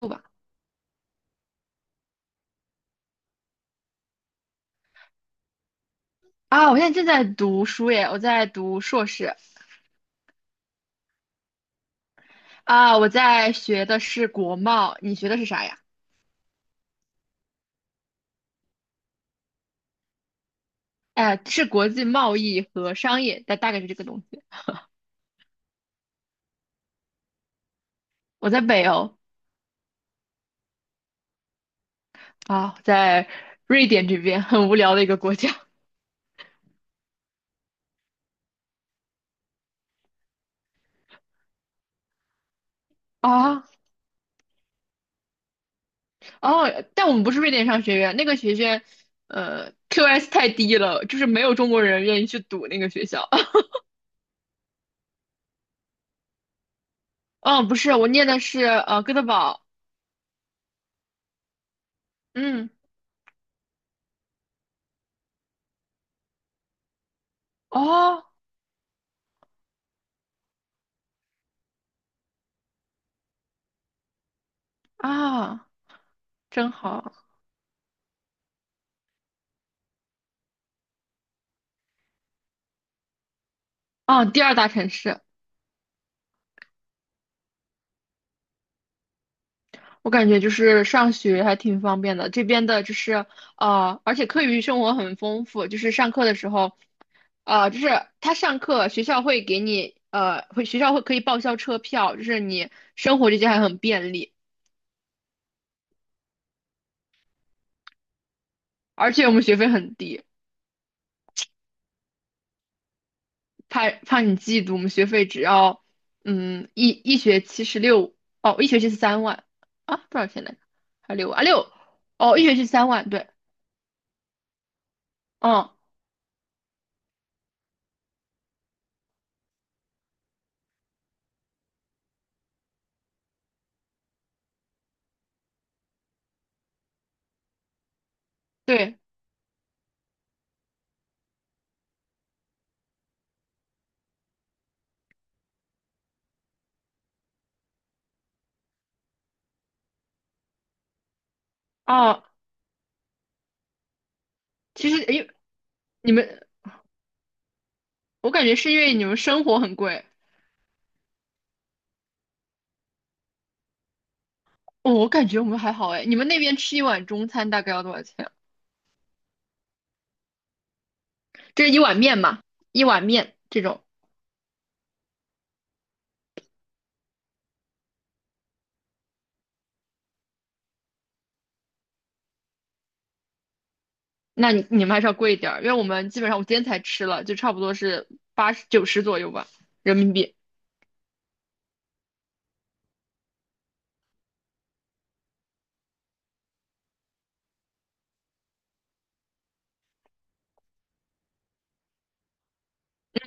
不吧？啊，我现在正在读书耶，我在读硕士。啊，我在学的是国贸，你学的是啥呀？哎，是国际贸易和商业，大概是这个东西。我在北欧。啊，在瑞典这边，很无聊的一个国家啊。哦，但我们不是瑞典商学院，那个学院，QS 太低了，就是没有中国人愿意去读那个学校。嗯，不是，我念的是哥德堡。嗯，哦啊，真好。啊，第二大城市。我感觉就是上学还挺方便的，这边的就是而且课余生活很丰富，就是上课的时候，就是他上课学校会给你会学校会可以报销车票，就是你生活这些还很便利，而且我们学费很低。怕怕你嫉妒，我们学费只要一学期是六。哦，一学期是三万。啊，多少钱来着？还6万啊哦，一学期三万，对。嗯，对啊，其实因为你们。我感觉是因为你们生活很贵。哦，我感觉我们还好哎。你们那边吃一碗中餐大概要多少钱？这是一碗面嘛，一碗面这种。那你们还是要贵一点儿，因为我们基本上我今天才吃了，就差不多是八十九十左右吧，人民币。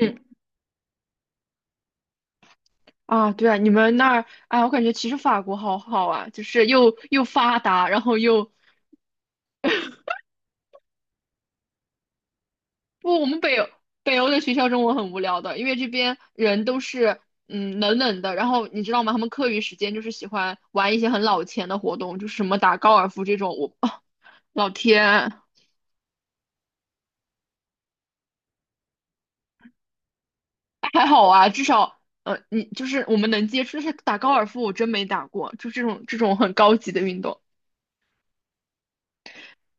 嗯，啊，对啊，你们那儿，哎，我感觉其实法国好好啊，就是又发达，然后又不，我们北欧的学校中文很无聊的，因为这边人都是冷冷的，然后你知道吗？他们课余时间就是喜欢玩一些很老钱的活动，就是什么打高尔夫这种。我、啊老天。还好啊，至少你就是我们能接触，但是打高尔夫我真没打过，就这种很高级的运动。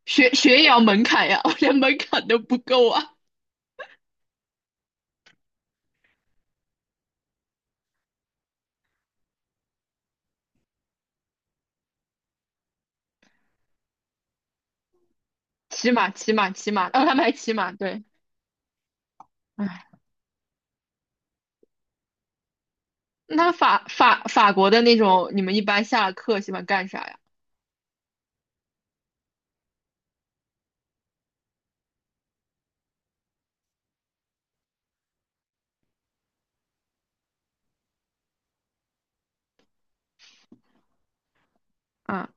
学也要门槛呀，我连门槛都不够啊。骑马，骑马，骑马，然后他们还骑马，对。唉，那法国的那种，你们一般下了课喜欢干啥呀？啊？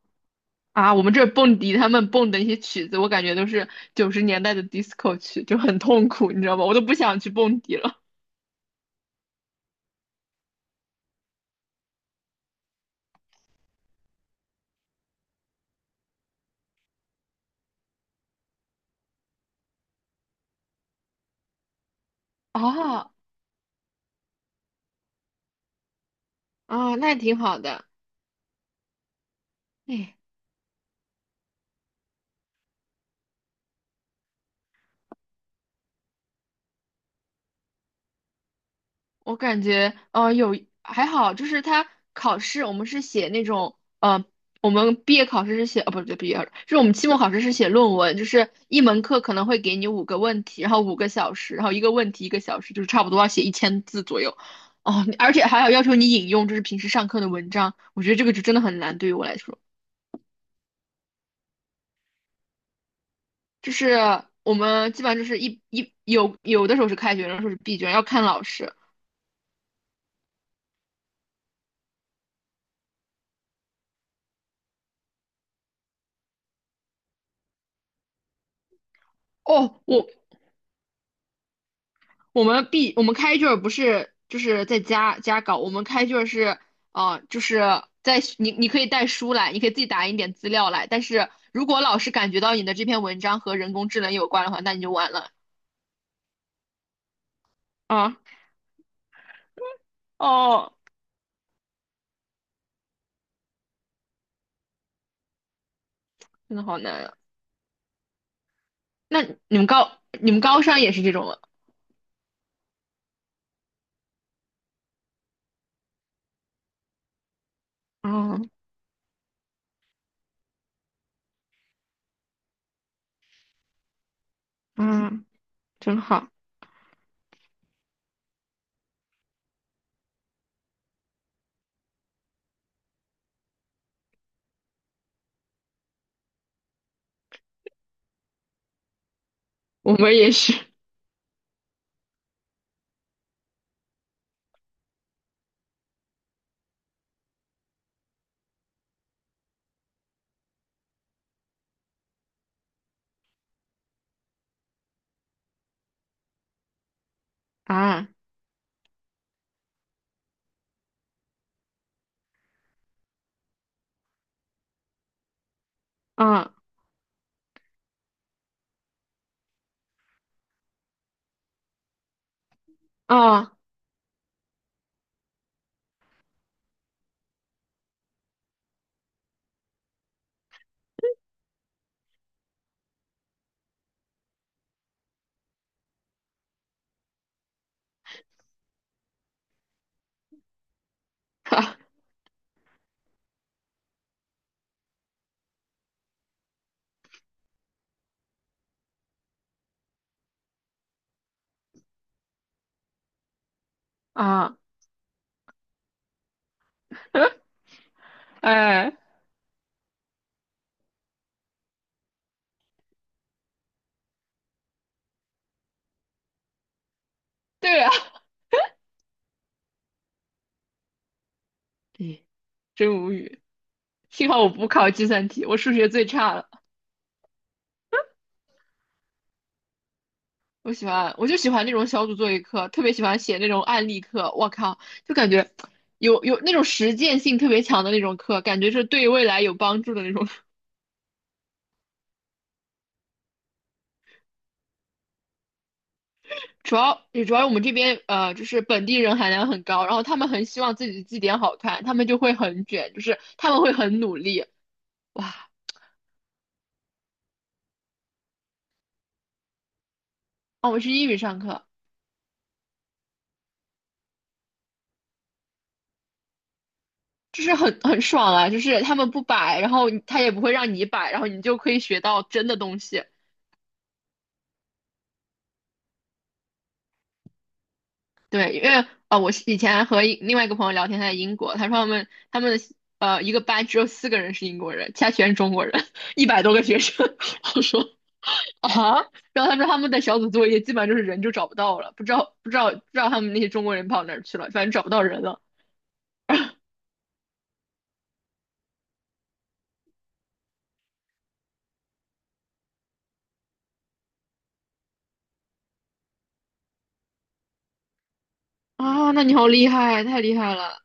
啊，我们这儿蹦迪他们蹦的那些曲子，我感觉都是90年代的 disco 曲，就很痛苦，你知道吗？我都不想去蹦迪了。哦，哦，那挺好的。哎。我感觉，还好，就是他考试，我们是写那种，我们毕业考试是写，哦，不对，毕业考试就是我们期末考试是写论文，就是一门课可能会给你5个问题，然后5个小时，然后一个问题一个小时，就是差不多要写1000字左右。哦，而且还要要求你引用，就是平时上课的文章，我觉得这个就真的很难，对于我来说，就是我们基本上就是有的时候是开卷，有的时候是闭卷，要看老师。哦，我们开卷儿不是就是在家搞，我们开卷儿是就是在你可以带书来，你可以自己打印点资料来，但是如果老师感觉到你的这篇文章和人工智能有关的话，那你就完了。啊！哦，真的好难啊！那你们高三也是这种吗？哦，嗯，真好，我们也是 啊啊啊哈啊！哎，对啊，哎真无语。幸好我不考计算题，我数学最差了。我喜欢，我就喜欢那种小组作业课，特别喜欢写那种案例课。我靠，就感觉有那种实践性特别强的那种课，感觉是对未来有帮助的那种。主要我们这边就是本地人含量很高，然后他们很希望自己的字典好看，他们就会很卷，就是他们会很努力。哇，哦，我是英语上课，就是很爽啊，就是他们不摆，然后他也不会让你摆，然后你就可以学到真的东西。对，因为我是以前和另外一个朋友聊天，他在英国，他说他们的一个班只有4个人是英国人，其他全是中国人，100多个学生。我说啊，然后他说他们的小组作业基本上就是人就找不到了，不知道他们那些中国人跑哪儿去了，反正找不到人了。啊，那你好厉害，太厉害了。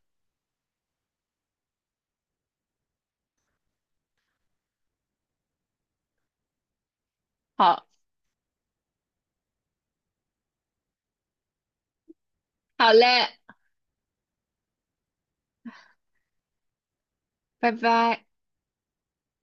好，好嘞，拜拜。